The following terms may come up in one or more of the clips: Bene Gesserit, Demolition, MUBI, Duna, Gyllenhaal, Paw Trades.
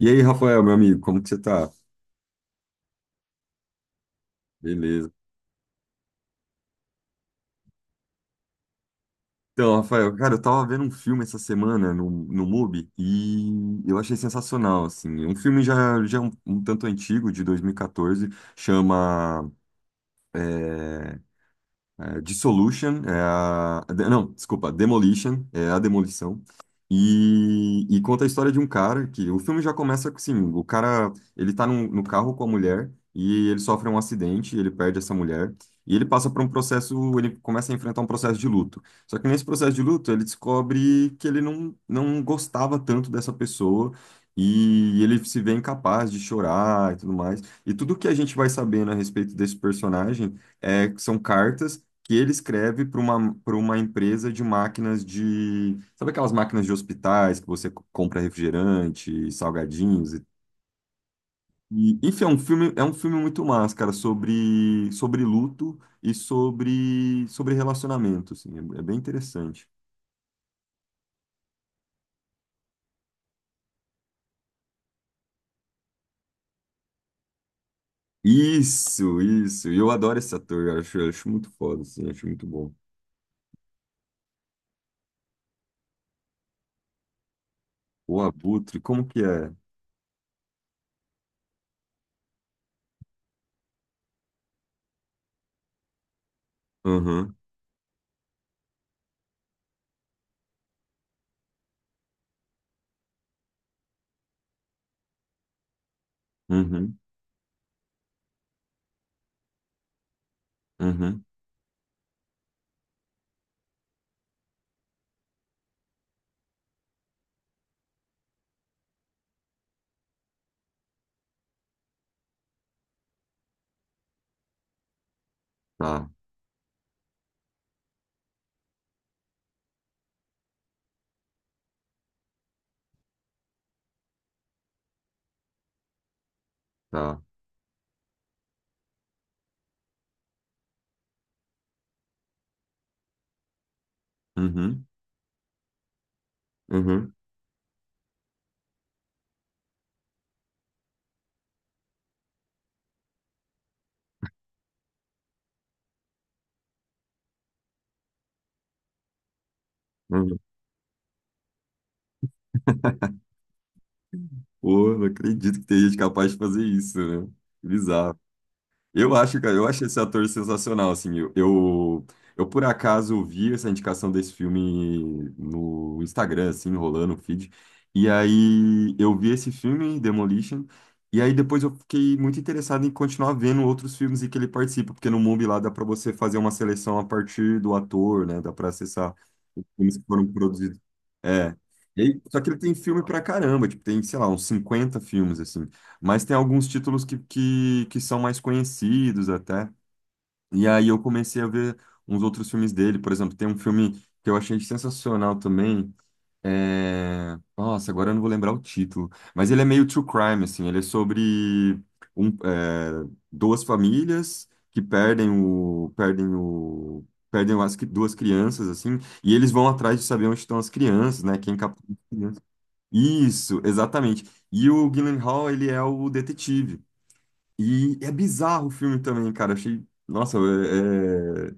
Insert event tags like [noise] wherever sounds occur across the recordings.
E aí, Rafael, meu amigo, como que você tá? Beleza. Então, Rafael, cara, eu tava vendo um filme essa semana no MUBI e eu achei sensacional, assim. É um filme já um tanto antigo, de 2014, chama eh, É, Dissolution, é a, não, desculpa, Demolition, é a demolição. E conta a história de um cara que o filme já começa assim, o cara, ele tá no carro com a mulher e ele sofre um acidente, ele perde essa mulher e ele passa por um processo, ele começa a enfrentar um processo de luto. Só que nesse processo de luto, ele descobre que ele não gostava tanto dessa pessoa e ele se vê incapaz de chorar e tudo mais. E tudo que a gente vai sabendo a respeito desse personagem é que são cartas que ele escreve para uma empresa de máquinas de. Sabe aquelas máquinas de hospitais que você compra refrigerante, salgadinhos? E, enfim, é um filme muito massa, cara, sobre, sobre luto e sobre, sobre relacionamento, assim, é bem interessante. Isso, isso. E eu adoro esse ator, eu acho muito foda, assim, acho muito bom. O Abutre, como que é? Uhum, uhum, uhum, tá, tá. Uhum, uhum, uhum. Pô, não acredito que tem gente capaz de fazer isso, né? Que bizarro. Eu acho, cara, eu acho esse ator sensacional, assim, eu, por acaso vi essa indicação desse filme no Instagram, assim, rolando o feed, e aí eu vi esse filme, Demolition, e aí depois eu fiquei muito interessado em continuar vendo outros filmes em que ele participa, porque no Mubi lá dá pra você fazer uma seleção a partir do ator, né, dá pra acessar os filmes que foram produzidos. É, Só que ele tem filme pra caramba, tipo, tem, sei lá, uns 50 filmes, assim. Mas tem alguns títulos que são mais conhecidos até. E aí eu comecei a ver uns outros filmes dele. Por exemplo, tem um filme que eu achei sensacional também. Nossa, agora eu não vou lembrar o título. Mas ele é meio true crime, assim. Ele é sobre um, é, duas famílias que perdem o... Perdem o... Perdem as cri- duas crianças, assim, e eles vão atrás de saber onde estão as crianças, né? Quem capturou as crianças. Isso, exatamente. E o Gyllenhaal, ele é o detetive. E é bizarro o filme também, cara. Achei. Nossa.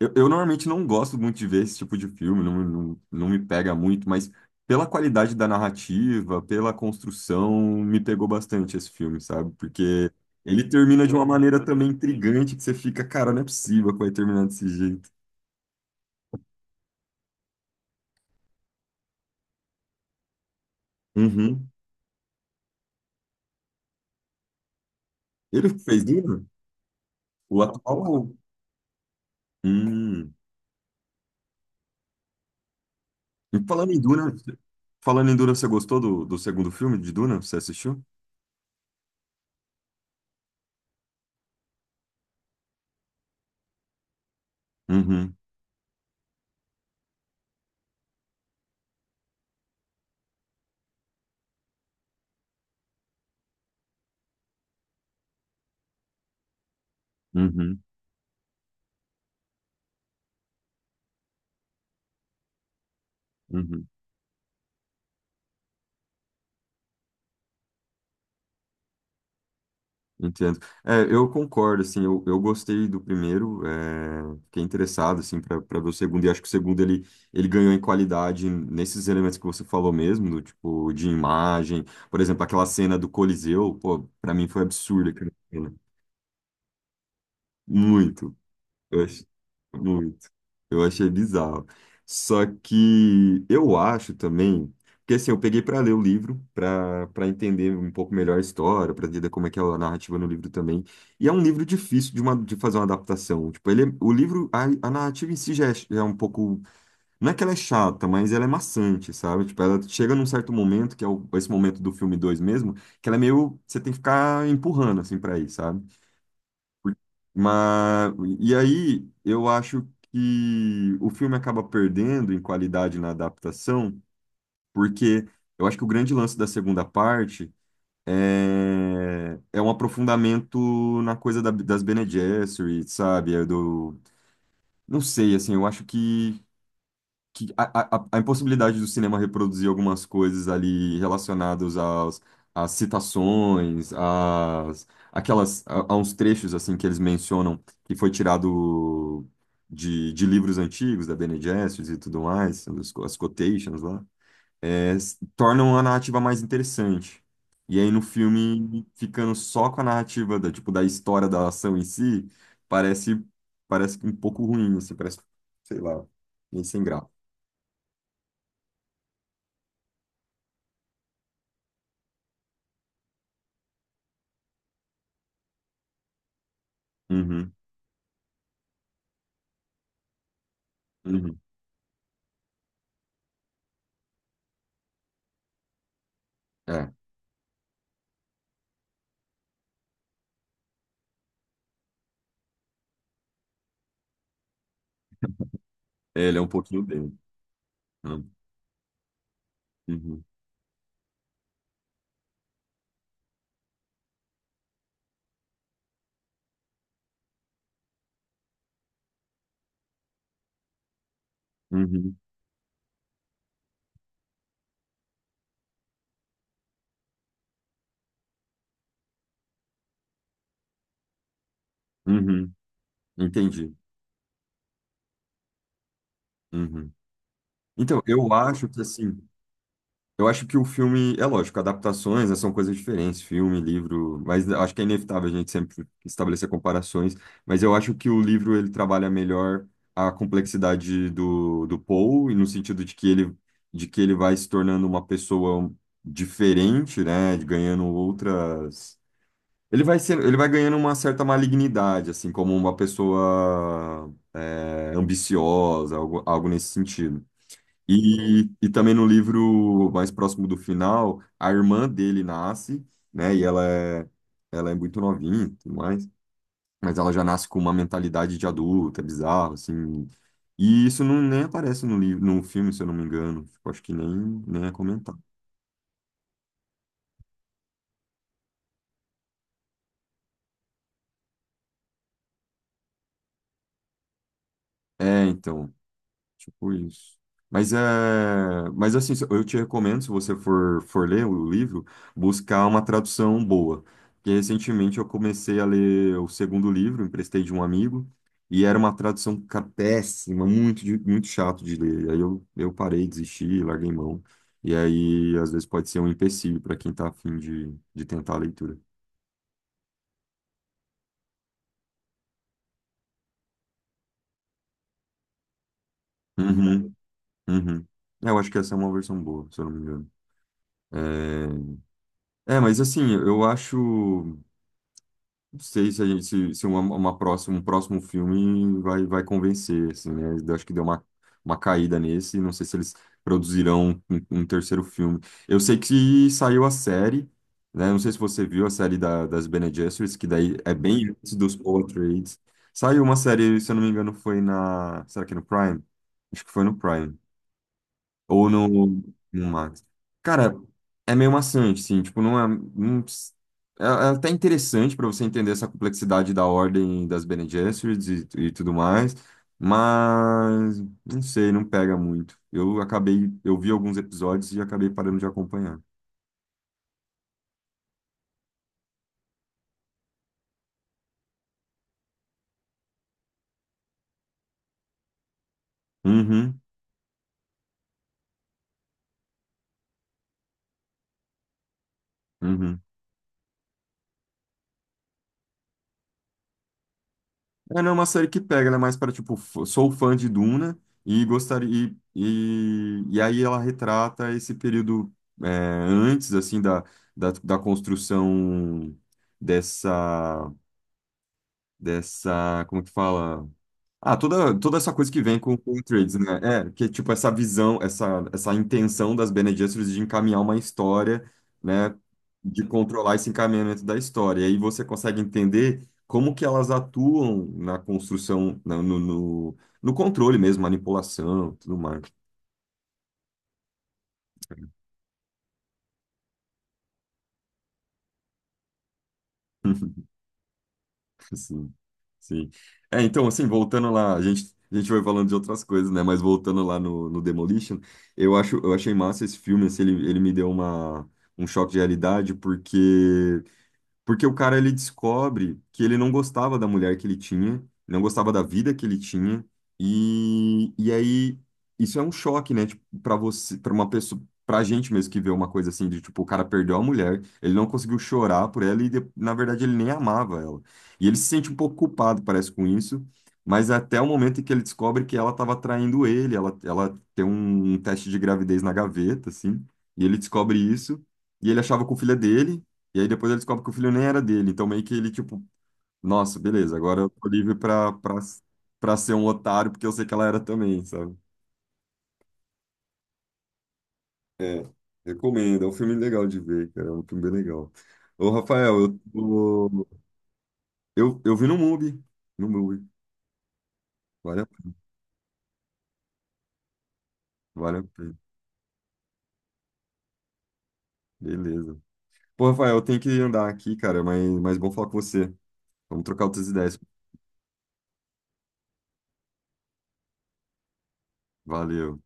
Eu normalmente não gosto muito de ver esse tipo de filme, não me pega muito, mas pela qualidade da narrativa, pela construção, me pegou bastante esse filme, sabe? Porque ele termina de uma maneira também intrigante que você fica, cara, não é possível que vai terminar desse jeito. Uhum. Ele fez Duna? O atual. Hum. E falando em Duna, você gostou do segundo filme de Duna? Você assistiu? Uhum. Uhum, uhum. Entendo. É, eu concordo, assim, eu gostei do primeiro, é, fiquei interessado, assim, para ver o segundo, e acho que o segundo ele ganhou em qualidade nesses elementos que você falou mesmo, do tipo, de imagem, por exemplo, aquela cena do Coliseu, pô, pra mim foi absurda aquela cena, muito. Eu ach- Muito. Eu achei bizarro. Só que eu acho também, porque assim, eu peguei para ler o livro, para entender um pouco melhor a história, para entender como é que é a narrativa no livro também. E é um livro difícil de fazer uma adaptação. Tipo, o livro, a narrativa em si já é um pouco, não é que ela é chata, mas ela é maçante, sabe? Tipo, ela chega num certo momento, que é esse momento do filme 2 mesmo, que ela é meio, você tem que ficar empurrando assim para ir, sabe? Mas, e aí, eu acho que o filme acaba perdendo em qualidade na adaptação, porque eu acho que o grande lance da segunda parte é um aprofundamento na coisa das Bene Gesserit, sabe? É do, não sei, assim, eu acho que a impossibilidade do cinema reproduzir algumas coisas ali relacionadas aos, às citações, às, aquelas, a uns trechos assim que eles mencionam que foi tirado de livros antigos, da Bene Gesserit e tudo mais, as quotations lá, tornam a narrativa mais interessante. E aí no filme, ficando só com a narrativa da, tipo, da história da ação em si, parece, parece um pouco ruim, assim, parece, sei lá, meio sem graça. Uhum, uhum. É, ele é um pouquinho dele, né? Uhum, uhum, uhum. Entendi. Uhum. Então, eu acho que assim, eu acho que o filme, é lógico, adaptações, né, são coisas diferentes, filme, livro, mas acho que é inevitável a gente sempre estabelecer comparações, mas eu acho que o livro ele trabalha melhor a complexidade do Paul, e no sentido de que ele vai se tornando uma pessoa diferente, né, ganhando outras. Ele vai ganhando uma certa malignidade, assim, como uma pessoa é, ambiciosa, algo nesse sentido. E também no livro mais próximo do final, a irmã dele nasce, né? E ela é muito novinha e tudo mais, mas ela já nasce com uma mentalidade de adulta, é bizarro, assim. E isso não, nem aparece no livro, no filme, se eu não me engano. Tipo, acho que nem é comentado. É, então. Tipo isso. Mas é, mas assim, eu te recomendo, se você for ler o livro, buscar uma tradução boa. Porque recentemente eu comecei a ler o segundo livro, emprestei de um amigo, e era uma tradução péssima, muito, muito chato de ler. Aí eu parei, desisti, larguei mão. E aí, às vezes, pode ser um empecilho para quem está afim de tentar a leitura. Uhum, uhum. É, eu acho que essa é uma versão boa, se eu não me engano. É, mas assim, eu acho. Sei se, a gente, se uma, uma próxima, um próximo filme vai convencer, assim, né? Eu acho que deu uma caída nesse, não sei se eles produzirão um terceiro filme. Eu sei que saiu a série, né? Não sei se você viu a série da, das Bene Gesserit, que daí é bem antes dos Paw Trades. Saiu uma série, se eu não me engano, Será que é no Prime? Acho que foi no Prime. Ou no Max. Cara, é meio maçante, sim. Tipo, não é, é até interessante para você entender essa complexidade da ordem das Bene Gesserits e tudo mais. Mas não sei, não pega muito. Eu acabei, eu vi alguns episódios e acabei parando de acompanhar. Uhum, uhum. É, não é uma série que pega, ela é mais para, tipo, sou fã de Duna e gostaria. E aí ela retrata esse período antes, assim, da, da construção dessa. Dessa. Como que fala? Ah, toda essa coisa que vem com o Trades, né? É, que tipo essa visão, essa intenção das Bene Gesserit de encaminhar uma história, né? De controlar esse encaminhamento da história. E aí você consegue entender como que elas atuam na construção, no controle mesmo, manipulação, tudo mais. [laughs] Sim, sim. É, então, assim, voltando lá, a gente vai falando de outras coisas, né? Mas voltando lá no Demolition, eu acho, eu achei massa esse filme, assim, ele me deu uma, um choque de realidade, porque porque o cara ele descobre que ele não gostava da mulher que ele tinha, não gostava da vida que ele tinha, e aí isso é um choque, né? Tipo, para você, para uma pessoa, pra gente mesmo que vê uma coisa assim de tipo, o cara perdeu a mulher, ele não conseguiu chorar por ela e na verdade ele nem amava ela. E ele se sente um pouco culpado, parece, com isso, mas é até o momento em que ele descobre que ela estava traindo ele, ela tem um teste de gravidez na gaveta, assim, e ele descobre isso, e ele achava com o filho dele. E aí depois ele descobre que o filho nem era dele. Então meio que ele, tipo, nossa, beleza, agora eu tô livre pra ser um otário, porque eu sei que ela era também, sabe? É, recomendo. É um filme legal de ver, cara. É um filme bem legal. Ô, Rafael, eu vi no MUBI. No MUBI. Vale a pena, vale a pena. Beleza. Pô, Rafael, eu tenho que andar aqui, cara, mas bom falar com você. Vamos trocar outras ideias. Valeu.